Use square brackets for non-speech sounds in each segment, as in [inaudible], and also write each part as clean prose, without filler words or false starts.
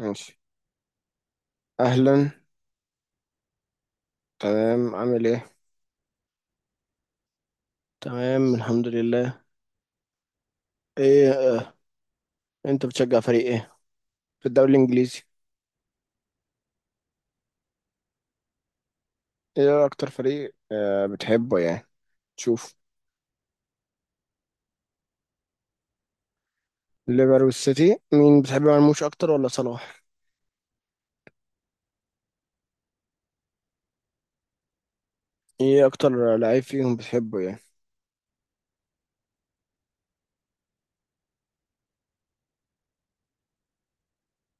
ماشي. اهلا. تمام، عامل ايه. تمام الحمد لله. ايه آه. انت بتشجع فريق ايه في الدوري الانجليزي؟ ايه اكتر فريق بتحبه يعني تشوف؟ ليفر والسيتي، مين بتحب مرموش اكتر ولا صلاح؟ ايه اكتر لعيب فيهم بتحبه يعني؟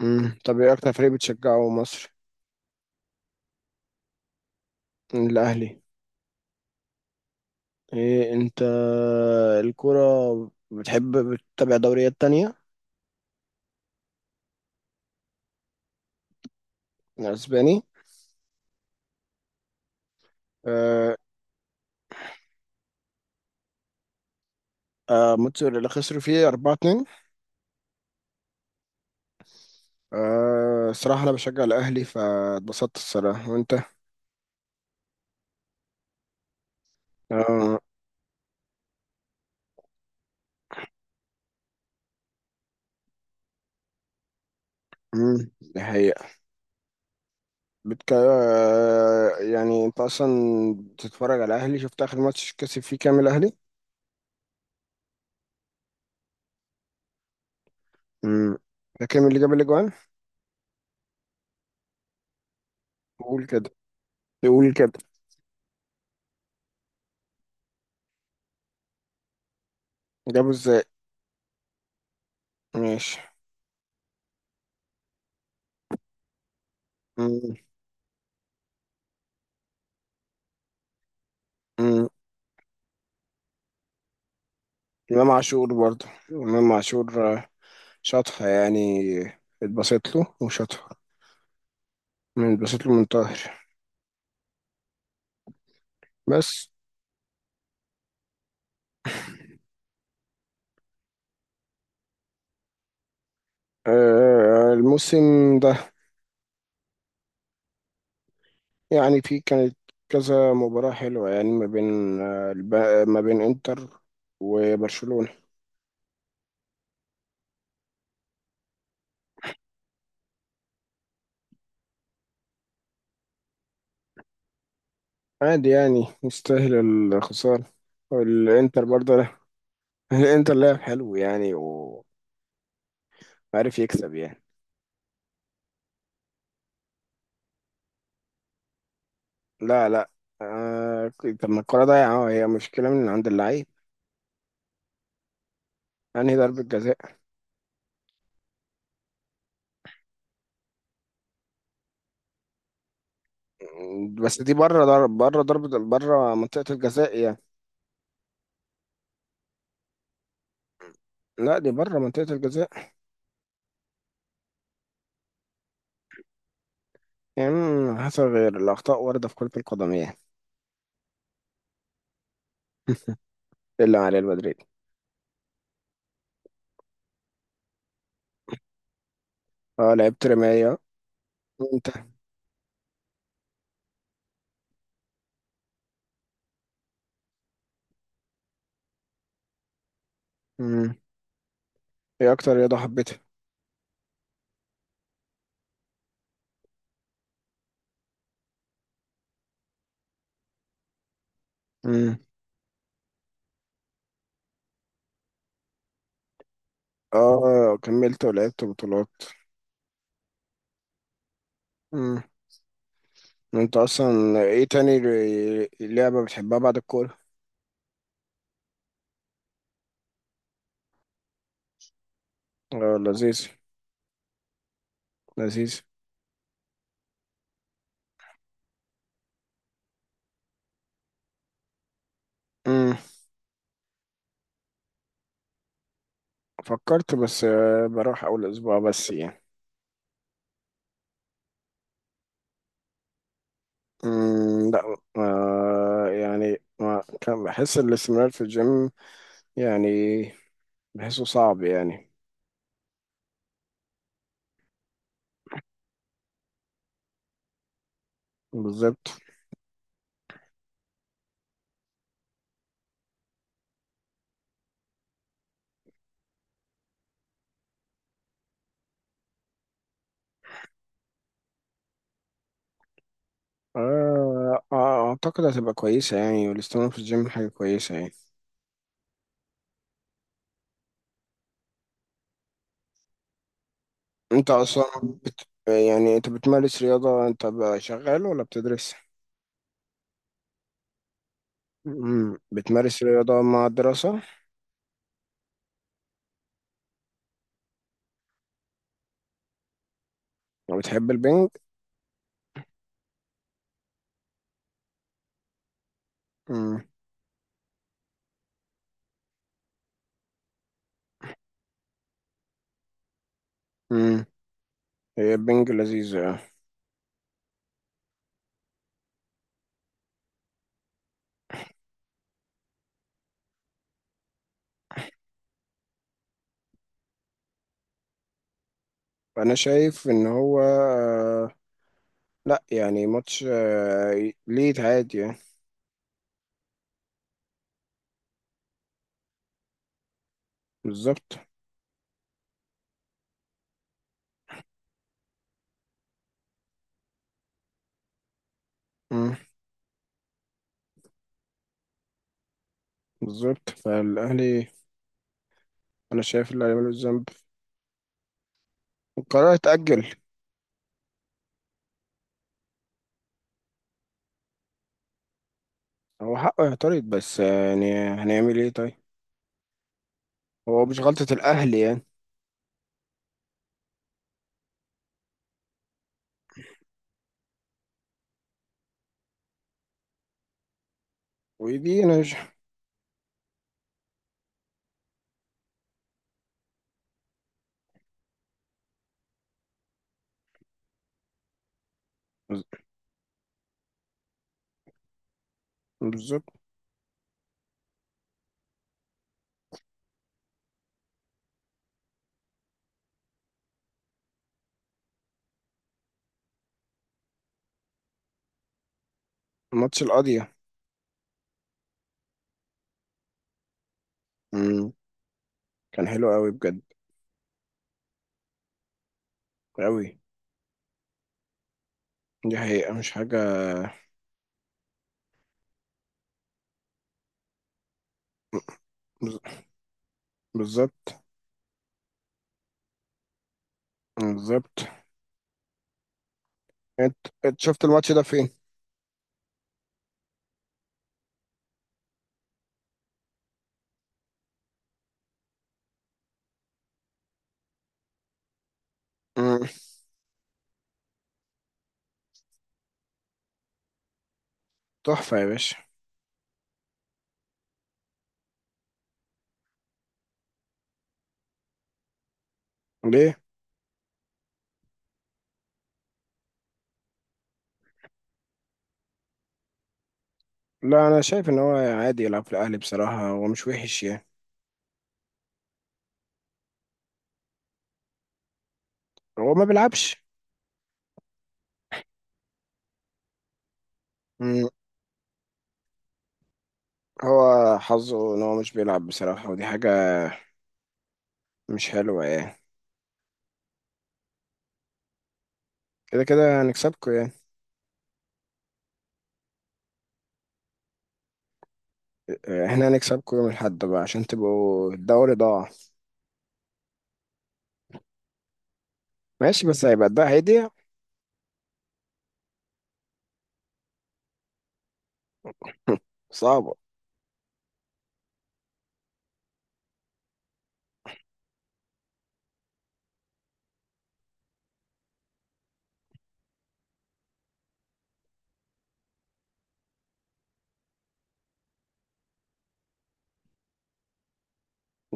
طب ايه اكتر فريق بتشجعه مصر؟ الاهلي. ايه انت الكرة بتحب بتتابع دوريات تانية؟ اسباني. آه. آه. ماتش اللي خسروا فيه 4-2. أه صراحة أنا بشجع الأهلي فاتبسطت الصراحة، وأنت؟ أه. دي حقيقة. بتك... أه يعني أنت أصلا بتتفرج على الأهلي، شفت آخر ماتش كسب فيه كام الأهلي؟ أمم، ده كام اللي جاب الأجوان؟ قول كده، قول كده. جابه إزاي؟ ماشي. أمم، أمم. إمام عاشور برضه، إمام عاشور آه، شاطها يعني، اتبسط له وشاطها. من اتبسط له من طاهر؟ بس أه، الموسم ده يعني في كانت كذا مباراة حلوة يعني ما بين ما بين انتر وبرشلونة. عادي يعني يستاهل الخسارة، والانتر برضه لا. [laughs] الانتر لعب حلو يعني وعارف يكسب يعني. لا، آه. طب ما الكرة ضايعة، هي مشكلة من عند اللعيب يعني. ضربة جزاء؟ بس دي بره، ضربة بره منطقة الجزاء يعني. لا دي بره منطقة الجزاء. يعني حصل، غير الأخطاء واردة في كرة القدم يعني. [laughs] إلا على ريال مدريد. اه لعبت رماية، وانت؟ مم. ايه اكتر رياضة حبيتها؟ مم. اه كملت ولعبت بطولات. مم. انت اصلا ايه تاني لعبة بتحبها بعد الكورة؟ اه لذيذ. لذيذ. مم. فكرت بس آه، بروح اول اسبوع بس يعني. مم. لا آه يعني ما كان بحس الاستمرار في الجيم يعني، بحسه صعب يعني. بالظبط. آه آه، اعتقد هتبقى كويسة يعني، والاستمرار في الجيم حاجة كويسة يعني. يعني انت بتمارس رياضة، انت بقى شغال ولا بتدرس؟ مم. بتمارس رياضة مع الدراسة؟ وبتحب البنج؟ مم. مم. هي البنج لذيذ يعني. انا شايف ان هو آه، لا يعني ماتش آه، ليه عادي يعني. بالظبط. مم. بالظبط فالاهلي. انا شايف اللي هيعمله الذنب. القرار اتأجل. هو حقه يعترض بس آه، يعني هنعمل ايه طيب. هو مش غلطة الاهلي يعني. ودي انا مش- بالظبط. ماتش القاضية. امم، كان حلو قوي بجد. قوي. دي حقيقة مش حاجة. بز- بالظبط. بالظبط. انت انت شفت الماتش ده فين؟ مم. تحفة يا باشا. ليه؟ لا أنا شايف إن هو عادي يلعب في الأهلي بصراحة، هو مش وحش يعني. هو ما بيلعبش. مم. هو حظه إن هو مش بيلعب بصراحة، ودي حاجة مش حلوة يعني. كده كده هنكسبكوا يعني. آه، احنا هنكسبكوا يوم الأحد بقى عشان تبقوا الدوري ضاع. ماشي، بس هيبقى ده هيدي صعبة.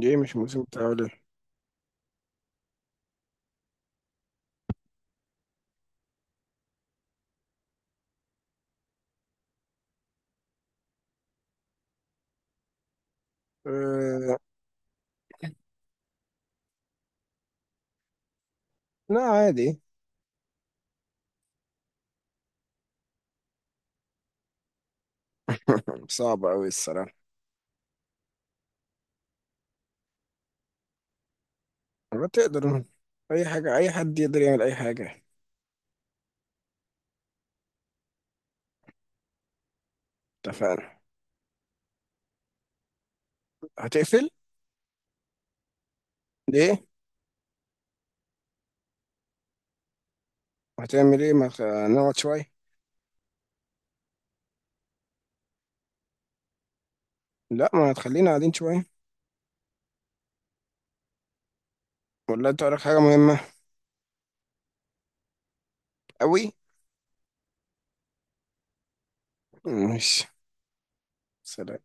دي مش موسم الدوري. أه. لا عادي. صعب أوي الصراحة. بتقدر. أي حاجة، أي حد يقدر يعمل أي حاجة. اتفقنا. هتقفل؟ ليه؟ هتعمل إيه؟ ما خ... نقعد شوية؟ لا ما هتخلينا قاعدين شوية. ولا أنت وراك حاجة مهمة؟ أوي؟ ماشي، سلام.